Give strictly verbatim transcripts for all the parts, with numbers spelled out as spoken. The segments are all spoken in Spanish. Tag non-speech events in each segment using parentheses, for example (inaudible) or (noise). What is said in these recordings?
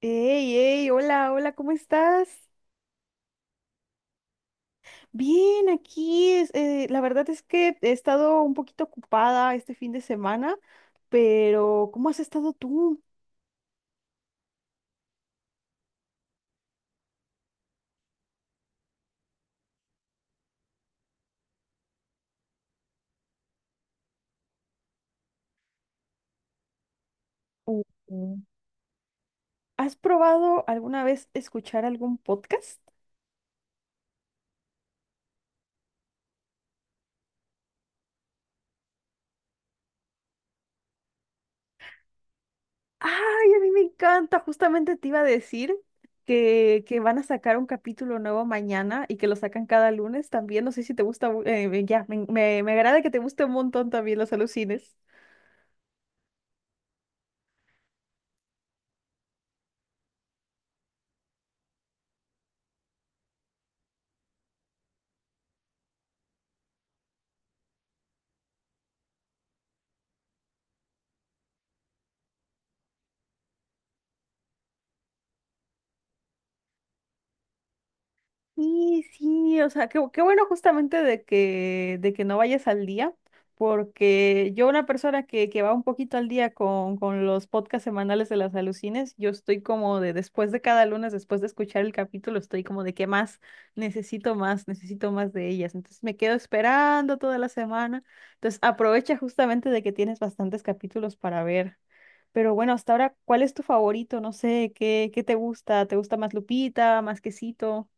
Hey, hey, hola, hola, ¿cómo estás? Bien, aquí, es- eh, la verdad es que he estado un poquito ocupada este fin de semana, pero ¿cómo has estado tú? Ujú. ¿Has probado alguna vez escuchar algún podcast? Ay, a mí me encanta, justamente te iba a decir que, que van a sacar un capítulo nuevo mañana y que lo sacan cada lunes también, no sé si te gusta, mu- eh, ya, me, me me agrada que te guste un montón también los alucines. Sí, sí, o sea, qué, qué bueno justamente de que, de que no vayas al día, porque yo una persona que, que va un poquito al día con, con los podcasts semanales de las alucines, yo estoy como de después de cada lunes, después de escuchar el capítulo, estoy como de qué más, necesito más, necesito más de ellas. Entonces me quedo esperando toda la semana. Entonces aprovecha justamente de que tienes bastantes capítulos para ver. Pero bueno, hasta ahora, ¿cuál es tu favorito? No sé, ¿qué, qué te gusta? ¿Te gusta más Lupita, más Quesito?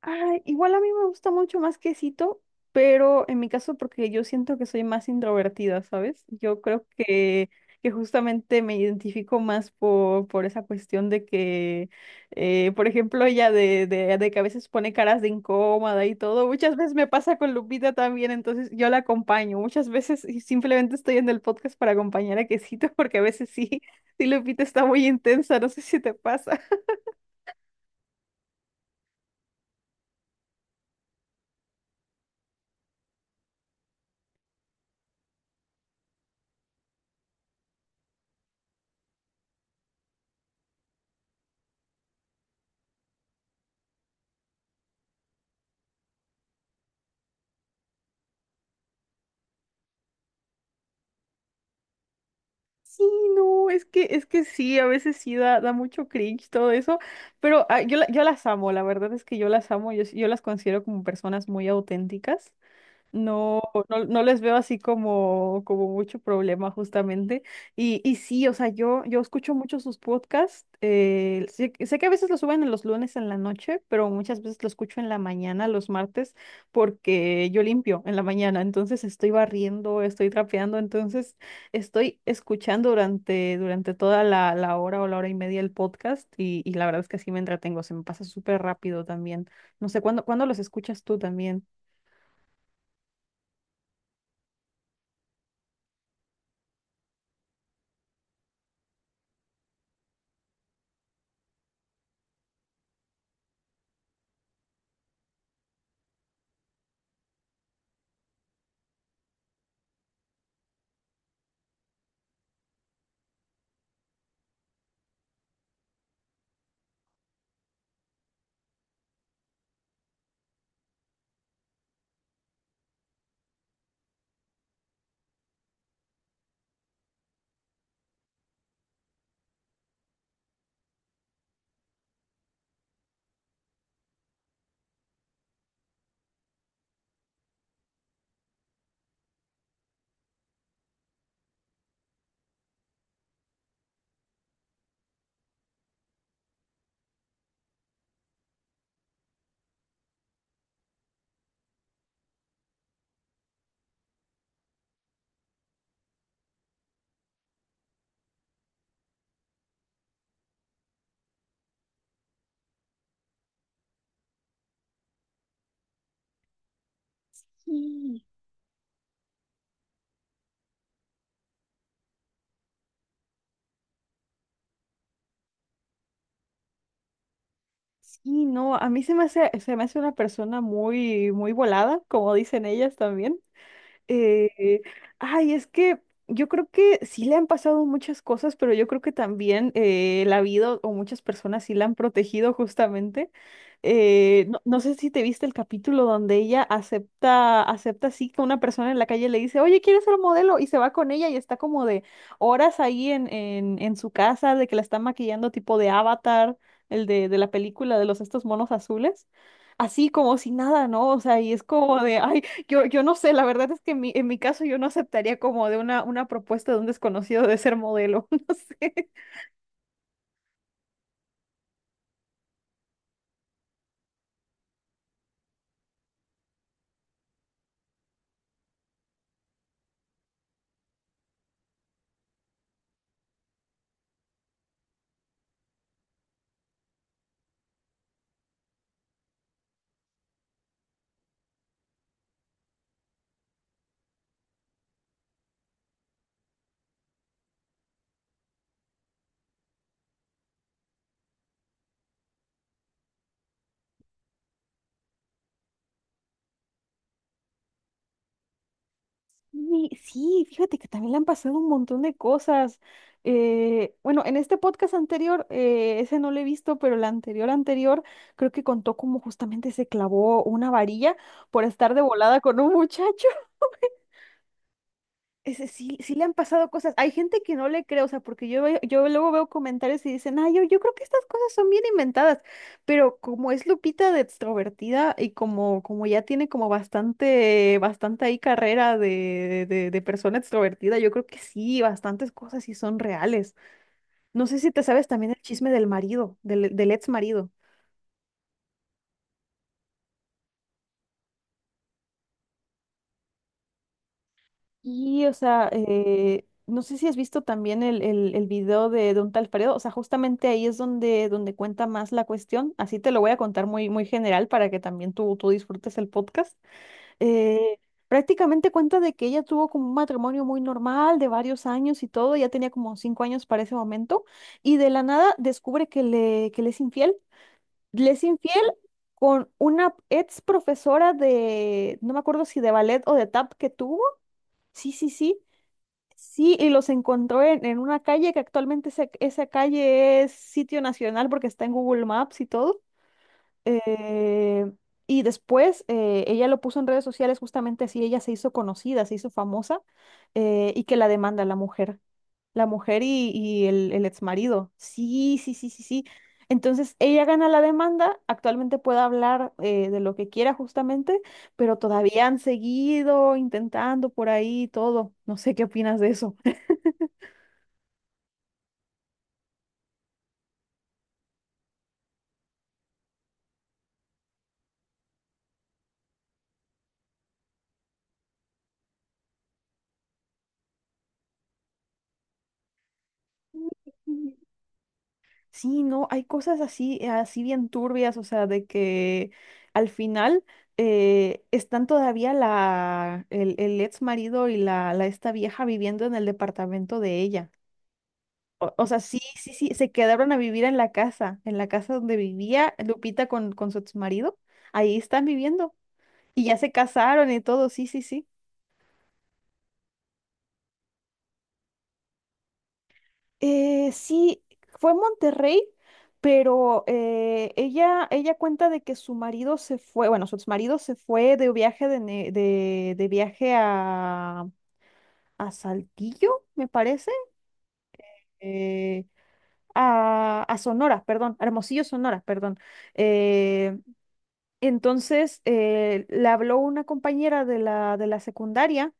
Ay, igual a mí me gusta mucho más Quesito, pero en mi caso porque yo siento que soy más introvertida, ¿sabes? Yo creo que, que justamente me identifico más por, por esa cuestión de que, eh, por ejemplo, ella de, de, de que a veces pone caras de incómoda y todo. Muchas veces me pasa con Lupita también, entonces yo la acompaño. Muchas veces y simplemente estoy en el podcast para acompañar a Quesito (laughs) porque a veces sí, sí, Lupita está muy intensa, no sé si te pasa. Sí, no, es que, es que sí, a veces sí da, da mucho cringe todo eso, pero ah, yo, la- yo las amo, la verdad es que yo las amo, yo, yo las considero como personas muy auténticas. No, no, no les veo así como, como mucho problema justamente. Y, y sí, o sea, yo, yo escucho mucho sus podcasts. eh, sé, sé que a veces los suben en los lunes en la noche, pero muchas veces lo escucho en la mañana, los martes, porque yo limpio en la mañana. Entonces estoy barriendo, estoy trapeando, entonces estoy escuchando durante, durante toda la, la hora o la hora y media el podcast y, y la verdad es que así me entretengo, se me pasa súper rápido también. No sé, ¿cuándo, cuándo los escuchas tú también? Sí, no, a mí se me hace, se me hace una persona muy, muy volada, como dicen ellas también. Eh, Ay, es que yo creo que sí le han pasado muchas cosas, pero yo creo que también eh, la vida o muchas personas sí la han protegido justamente. Eh, no, no sé si te viste el capítulo donde ella acepta, acepta así que una persona en la calle le dice, oye, ¿quieres ser modelo? Y se va con ella y está como de horas ahí en, en, en su casa, de que la están maquillando tipo de Avatar, el de, de la película de los estos monos azules. Así como si nada, ¿no? O sea, y es como de, ay, yo, yo no sé, la verdad es que en mi, en mi caso yo no aceptaría como de una, una propuesta de un desconocido de ser modelo, (laughs) no sé. Y sí, fíjate que también le han pasado un montón de cosas. Eh, bueno, en este podcast anterior, eh, ese no lo he visto, pero el anterior anterior creo que contó como justamente se clavó una varilla por estar de volada con un muchacho. Ese sí, sí le han pasado cosas. Hay gente que no le cree, o sea, porque yo, veo- yo luego veo comentarios y dicen, ah, yo, yo creo que estas cosas son bien inventadas, pero como es Lupita de extrovertida y como, como ya tiene como bastante, bastante ahí carrera de, de, de persona extrovertida, yo creo que sí, bastantes cosas sí son reales. No sé si te sabes también el chisme del marido, del, del ex marido. Y, o sea, eh, no sé si has visto también el, el, el video de, de un tal Fredo, o sea, justamente ahí es donde, donde cuenta más la cuestión, así te lo voy a contar muy, muy general para que también tú, tú disfrutes el podcast. Eh, Prácticamente cuenta de que ella tuvo como un matrimonio muy normal de varios años y todo, ya tenía como cinco años para ese momento, y de la nada descubre que le, que le es infiel, le es infiel con una ex profesora de, no me acuerdo si de ballet o de tap que tuvo. Sí, sí, sí. Sí, y los encontró en, en una calle que actualmente esa, esa calle es sitio nacional porque está en Google Maps y todo. Eh, y después eh, ella lo puso en redes sociales justamente así, ella se hizo conocida, se hizo famosa, eh, y que la demanda la mujer, la mujer y, y el, el ex marido. Sí, sí, sí, sí, sí. Entonces ella gana la demanda, actualmente puede hablar eh, de lo que quiera justamente, pero todavía han seguido intentando por ahí y todo. No sé qué opinas de eso. Sí, no, hay cosas así, así bien turbias, o sea, de que al final eh, están todavía la, el, el ex marido y la, la esta vieja viviendo en el departamento de ella. O, o sea, sí, sí, sí, se quedaron a vivir en la casa, en la casa donde vivía Lupita con, con su ex marido. Ahí están viviendo. Y ya se casaron y todo, sí, sí, sí. Eh, sí, fue en Monterrey, pero eh, ella, ella cuenta de que su marido se fue, bueno, su exmarido se fue de viaje de, ne- de, de viaje a, a Saltillo, me parece, eh, a, a Sonora, perdón, a Hermosillo, Sonora, perdón. Eh, entonces, eh, le habló una compañera de la, de la secundaria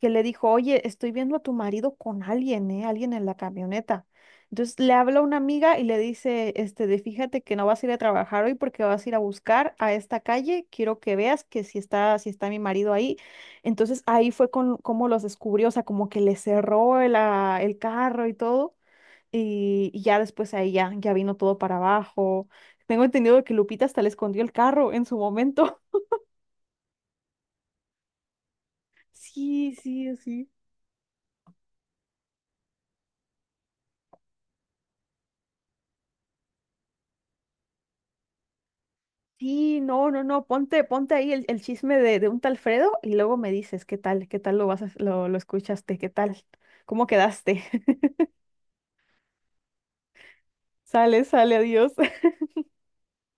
que le dijo, oye, estoy viendo a tu marido con alguien, ¿eh? Alguien en la camioneta. Entonces le habla una amiga y le dice, este, de fíjate que no vas a ir a trabajar hoy porque vas a ir a buscar a esta calle, quiero que veas que si está, si está mi marido ahí. Entonces ahí fue con, como los descubrió, o sea, como que le cerró el, ah, el carro y todo, y, y ya después ahí ya, ya vino todo para abajo. Tengo entendido que Lupita hasta le escondió el carro en su momento. (laughs) Sí, sí, sí. Sí, no, no, no, ponte, ponte ahí el, el chisme de, de un tal Fredo y luego me dices qué tal, qué tal lo vas a- lo, lo escuchaste, qué tal, cómo quedaste. (laughs) Sale, sale, adiós.